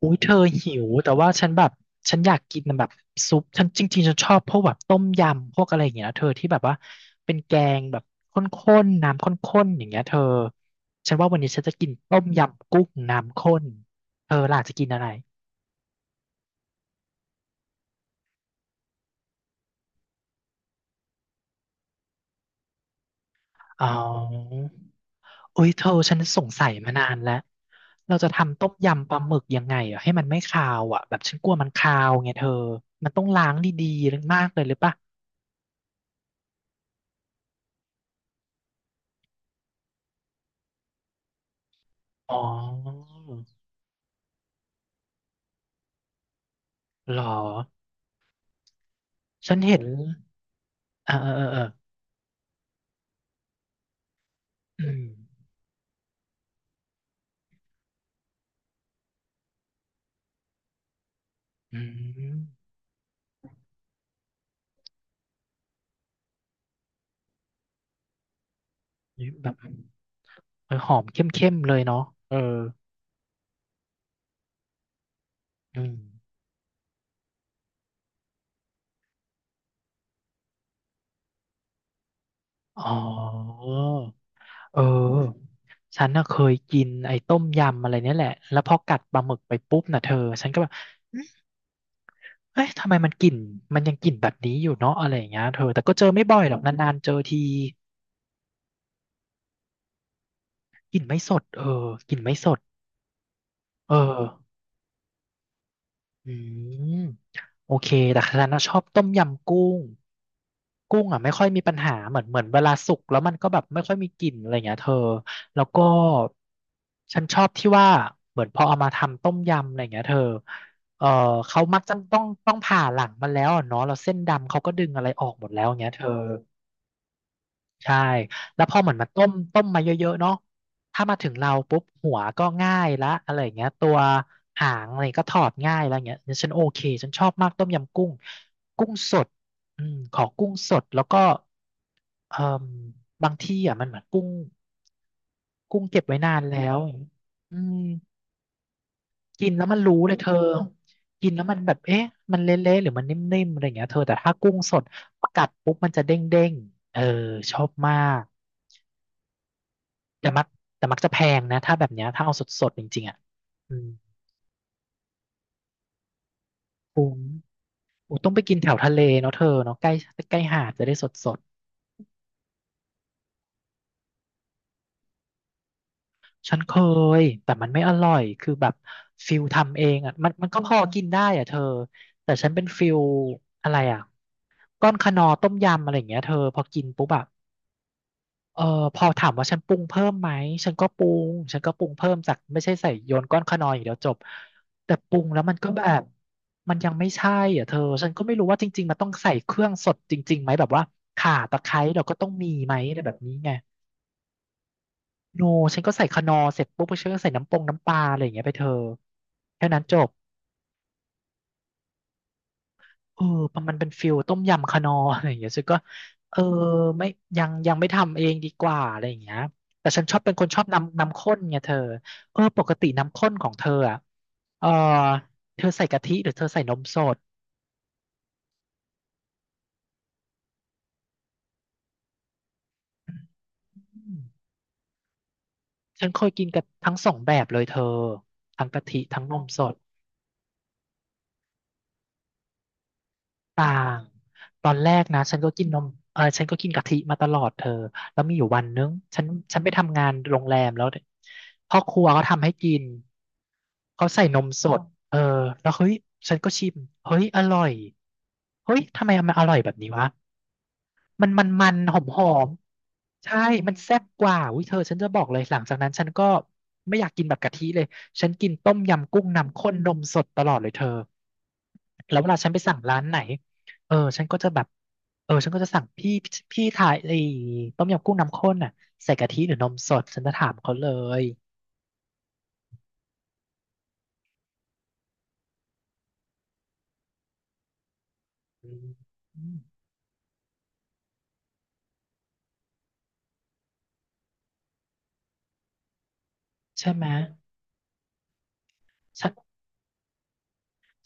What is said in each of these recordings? อุ้ยเธอหิวแต่ว่าฉันแบบฉันอยากกินแบบซุปฉันจริงๆฉันชอบพวกแบบต้มยำพวกอะไรอย่างเงี้ยนะเธอที่แบบว่าเป็นแกงแบบข้นๆน้ำข้นๆอย่างเงี้ยเธอฉันว่าวันนี้ฉันจะกินต้มยำกุ้งน้ำข้นเธอล่ะจะกินอะไรอ๋ออุ้ยเธอฉันสงสัยมานานแล้วเราจะทำต้มยำปลาหมึกยังไงอ่ะให้มันไม่คาวอ่ะแบบฉันกลัวมันคาวไงเธอมันต้องล้างดีๆมากเลยหรือปะอ๋อหรอ ฉันเห็นเออเออเออเอออืมอืมีแบบเออหอมเข้มๆเลยเนาะเอออืมอ๋อเออฉันน่ะเคยกินไอ้ต้มยำอะไรเนี่ยแหละแล้วพอกัดปลาหมึกไปปุ๊บน่ะเธอฉันก็แบบอืมเอ้ยทำไมมันกลิ่นมันยังกลิ่นแบบนี้อยู่เนาะอะไรอย่างเงี้ยเธอแต่ก็เจอไม่บ่อยหรอกนานๆเจอทีกลิ่นไม่สดเออกลิ่นไม่สดเออ อืมโอเคแต่ฉันน่ะชอบต้มยำกุ้งกุ้งอ่ะไม่ค่อยมีปัญหาเหมือนเวลาสุกแล้วมันก็แบบไม่ค่อยมีกลิ่นอะไรเงี้ยเธอแล้วก็ฉันชอบที่ว่าเหมือนพอเอามาทำต้มยำอะไรเงี้ยเธอเออเขามักจะต้องผ่าหลังมันแล้วอะเนาะแล้วเส้นดำเขาก็ดึงอะไรออกหมดแล้วเงี้ยเธอ ใช่แล้วพอเหมือนมันต้มมาเยอะๆเนาะถ้ามาถึงเราปุ๊บหัวก็ง่ายละอะไรอย่างเงี้ยตัวหางอะไรก็ถอดง่ายแล้วเงี้ยฉันโอเคฉันชอบมากต้มยำกุ้งกุ้งสดอืมขอกุ้งสดแล้วก็เอ่มบางที่อ่ะมันเหมือนกุ้งกุ้งเก็บไว้นานแล้วอย่างเงี้ยอืมกินแล้วมันรู้เลยเธอกินแล้วมันแบบเอ๊ะมันเละๆหรือมันนิ่มๆอะไรอย่างเงี้ยเธอแต่ถ้ากุ้งสดกัดปุ๊บมันจะเด้งๆเออชอบมาก แต่มักแต่มักจะแพงนะถ้าแบบเนี้ยถ้าเอาสดๆจริงๆอ่ะอืมคุ้มโอ้ต้องไปกินแถวทะเลเนาะเธอเนาะใกล้ใกล้หาดจะได้สดๆฉันเคยแต่มันไม่อร่อยคือแบบฟิลทำเองอ่ะมันก็พอกินได้อ่ะเธอแต่ฉันเป็นฟิลอะไรอ่ะก้อนคะนอต้มยำอะไรอย่างเงี้ยเธอพอกินปุ๊บอะ เออพอถามว่าฉันปรุงเพิ่มไหมฉันก็ปรุงเพิ่มจากไม่ใช่ใส่โยนก้อนขนอยอย่างเดียวจบแต่ปรุงแล้วมันก็แบบมันยังไม่ใช่อ่ะเธอฉันก็ไม่รู้ว่าจริงๆมันต้องใส่เครื่องสดจริงๆไหมแบบว่าข่าตะไคร้เราก็ต้องมีไหมอะไรแบบนี้ไงโนฉันก็ใส่คนอเสร็จปุ๊บฉันก็ใส่น้ำปงน้ำปลาอะไรอย่างเงี้ยไปเธอแค่นั้นจบ เออมันเป็นฟิลต้มยำคานอร์อะไรอย่างเงี้ยซึ่งก็เออไม่ยังไม่ทำเองดีกว่าอะไรอย่างเงี้ยแต่ฉันชอบเป็นคนชอบน้ำข้นไงเธอเออปกติน้ำข้นของเธออ่ะเออเธอใส่กะทิหรือเธอใส่นมสดอืมฉันเคยกินกับทั้งสองแบบเลยเธอทั้งกะทิทั้งนมสด ต่างตอนแรกนะฉันก็กินนมเออฉันก็กินกะทิมาตลอดเธอแล้วมีอยู่วันนึงฉันไปทำงานโรงแรมแล้วพ่อครัวเขาทำให้กินเขาใส่นมสดเออแล้วเฮ้ยฉันก็ชิมเฮ้ยอร่อยเฮ้ยทำไมมันอร่อยแบบนี้วะ มันหอมใช่มันแซ่บกว่าอุ้ยเธอฉันจะบอกเลยหลังจากนั้นฉันก็ไม่อยากกินแบบกะทิเลยฉันกินต้มยำกุ้งน้ำข้นนมสดตลอดเลยเธอแล้วเวลาฉันไปสั่งร้านไหนเออฉันก็จะแบบเออฉันก็จะสั่งพี่ถ่ายไอ้ต้มยำกุ้งน้ำข้นน่ะใส่กะทิหรือนมสดฉันจะถามเขาเลยอืมใช่ไหม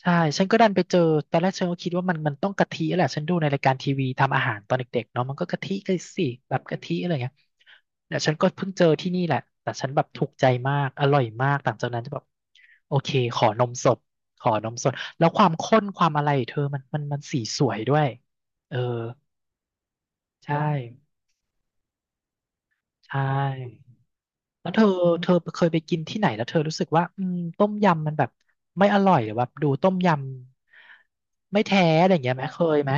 ใช่ฉันก็ดันไปเจอตอนแรกฉันก็คิดว่ามันต้องกะทิแหละฉันดูในรายการทีวีทำอาหารตอนเด็กๆเนาะมันก็กะทิก็สิแบบกะทิอะไรเงี้ยเดี๋ยวฉันก็เพิ่งเจอที่นี่แหละแต่ฉันแบบถูกใจมากอร่อยมากหลังจากนั้นจะแบบโอเคขอนมสดขอนมสดแล้วความข้นความอะไรเธอมันสีสวยด้วยเออใช่ใช่แล้วเธอเคยไปกินที่ไหนแล้วเธอรู้สึกว่าอืมต้มยำมันแบบไม่อร่อยหรือว่าดูต้มยำไม่แท้อะไรอย่างเงี้ยไหมเคยไหม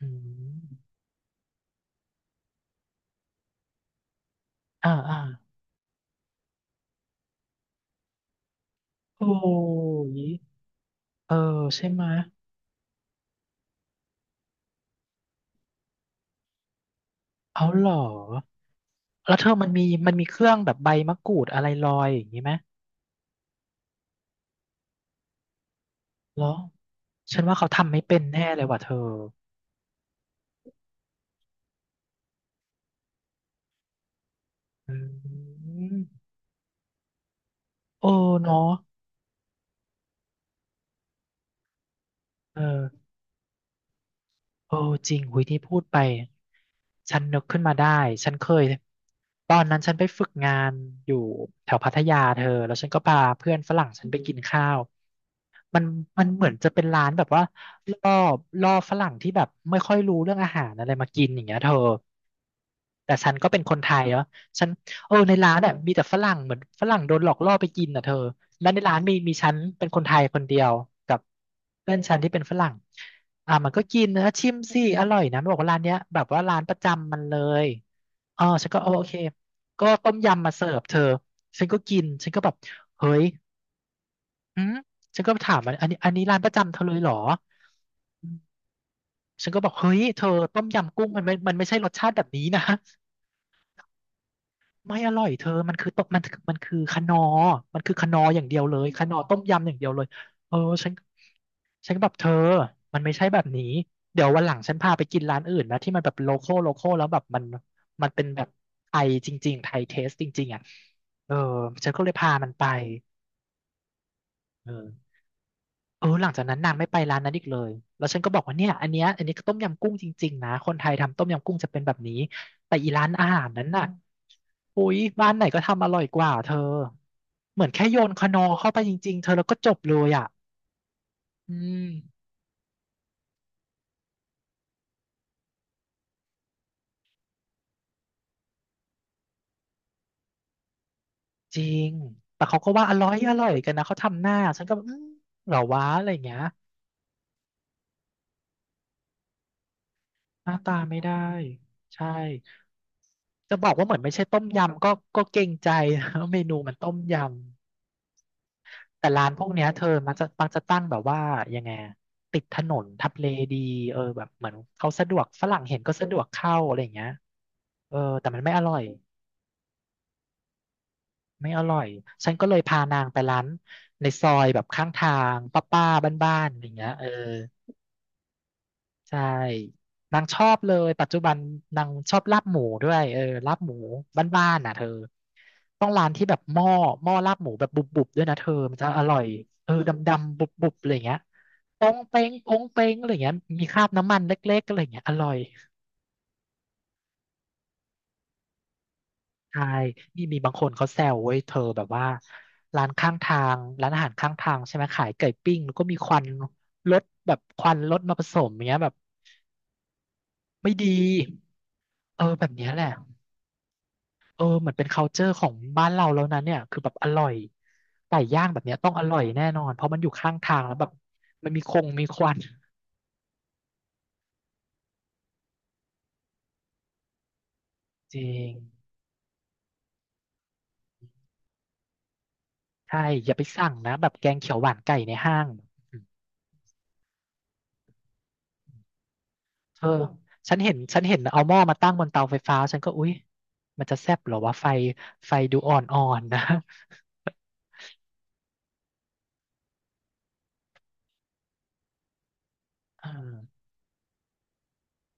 อืม อ่า อ่า โอ้ย เออใช่ไหมะเอาเหรอแล้วเธอมันมี มันมีเครื่องแบบใบมะกรูดอะไรลอยอย่างนี้ไหมเหรอฉันว่าเขาทำไม่เป็นแน่เลยว่ะเธออืมโอ้เนาะ เออ โอ้จริงหุยที่พูดไปฉันนึกขึ้นมาได้ฉันเคยตอนนั้นฉันไปฝึกงานอยู่แถวพัทยาเธอแล้วฉันก็พาเพื่อนฝรั่งฉันไปกินข้าวมันมันเหมือนจะเป็นร้านแบบว่าล่อล่อฝรั่งที่แบบไม่ค่อยรู้เรื่องอาหารอะไรมากินอย่างเงี้ยเธอแต่ฉันก็เป็นคนไทยเนาะฉันเออในร้านเนี่ยมีแต่ฝรั่งเหมือนฝรั่งโดนหลอกล่อไปกินอ่ะเธอแล้วในร้านมีฉันเป็นคนไทยคนเดียวกับเพื่อนฉันที่เป็นฝรั่ง อ่ะมันก็กินนะชิมสิอร่อยนะมันบอกว่าร้านเนี้ยแบบว่าร้านประจำมันเลยอ๋อฉันก็โอโอเคก็ต้มยำมาเสิร์ฟเธอฉันก็กินฉันก็แบบเฮ้ยอืมฉันก็ถามมันอันนี้ร้านประจำเธอเลยเหรออืมฉันก็บอกเฮ้ยเธอต้มยำกุ้งมันไม่ใช่รสชาติแบบนี้นะ ไม่อร่อยเธอมันคือต้มมันคือคะนอมันคือคะนออย่างเดียวเลยคะนอต้มยำอย่างเดียวเลยเออฉันฉันก็แบบเธอมันไม่ใช่แบบนี้ เดี๋ยววันหลังฉันพาไปกินร้านอื่นนะที่มันแบบโลคอลแล้วแบบมันเป็นแบบไทยจริงๆ ไทยเทสจริงๆอ่ะเออฉันก็เลยพามันไปเออ เออหลังจากนั้นนางไม่ไปร้านนั้นอีกเลยแล้วฉันก็บอกว่าเนี่ยอันนี้ก็ต้มยำกุ้งจริงๆนะคนไทยทำต้มยำกุ้งจะเป็นแบบนี้แต่อีร้านอาหารนั้นน่ะอุ๊ยบ้านไหนก็ทำอร่อยกว่าเธอเหมือนแค่โยนคานอเข้าไปจริงๆเธอแล้วก็จบเลยอ่ะอืมจริงแต่เขาก็ว่าอร่อยกันนะเขาทำหน้าฉันก็แบบอืมเหรอวะอะไรอย่างเงี้ยหน้าตาไม่ได้ใช่จะบอกว่าเหมือนไม่ใช่ต้มยำก็เกรงใจ นะเมนูมันต้มยำ แต่ร้านพวกเนี้ยเธอมักจะตั้งแบบว่ายังไงอะติดถนนทับเลดีเออแบบเหมือนเขาสะดวกฝรั่งเห็นก็สะดวกเข้าอะไรอย่างเงี้ยเออแต่มันไม่อร่อยฉันก็เลยพานางไปร้านในซอยแบบข้างทางป้าๆบ้านๆอะไรอย่างเงี้ยเออใช่นางชอบเลยปัจจุบันนางชอบลาบหมูด้วยเออลาบหมูบ้านๆน่ะเธอ ต้องร้านที่แบบหม้อลาบหมูแบบบุบๆด้วยนะเธอมันจะอร่อยเออดำๆบุบๆอะไรอย่างเงี้ยปองเป้งอะไรอย่างเงี้ยมีคราบน้ำมันเล็กๆอะไรอย่างเงี้ยอร่อยใช่นี่มีบางคนเขาแซวเว้ยเธอแบบว่าร้านข้างทางร้านอาหารข้างทางใช่ไหมขายไก่ปิ้งแล้วก็มีควันรถแบบควันรถมาผสมอย่างเงี้ยแบบไม่ดีเออแบบเนี้ยแหละ เออเหมือนเป็น culture ของบ้านเราแล้วนะเนี่ยคือแบบอร่อยไก่ย่างแบบเนี้ยต้องอร่อยแน่นอนเพราะมันอยู่ข้างทางแล้วแบบมันมีคงมีควันจริงใช่อย่าไปสั่งนะแบบแกงเขียวหวานไก่ในห้างอืมเธอฉันเห็นเอาหม้อมาตั้งบนเตาไฟฟ้าฉันก็อุ๊ยมันจะแซ่บเหรอวะไฟดูอ่อนๆนะ อ่า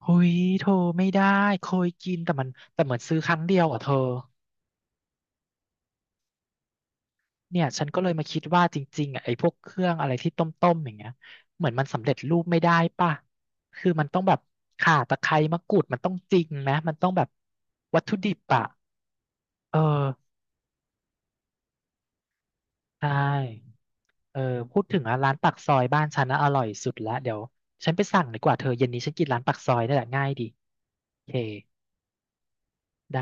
หุยโธไม่ได้เคยกินแต่มันแต่เหมือนซื้อครั้งเดียวอ่ะเธอ เนี่ยฉันก็เลยมาคิดว่าจริงๆอ่ะไอ้พวกเครื่องอะไรที่ต้มๆอย่างเงี้ยเหมือนมันสำเร็จรูปไม่ได้ป่ะคือมันต้องแบบข่าตะไคร้มะกรูดมันต้องจริงนะมันต้องแบบวัตถุดิบอ่ะเออใช่เออพูดถึงอ่ะร้านปากซอยบ้านฉันนะอร่อยสุดละเดี๋ยวฉันไปสั่งดีกว่าเธอเย็นนี้ฉันกินร้านปากซอยนี่แหละง่ายดีโอเคได้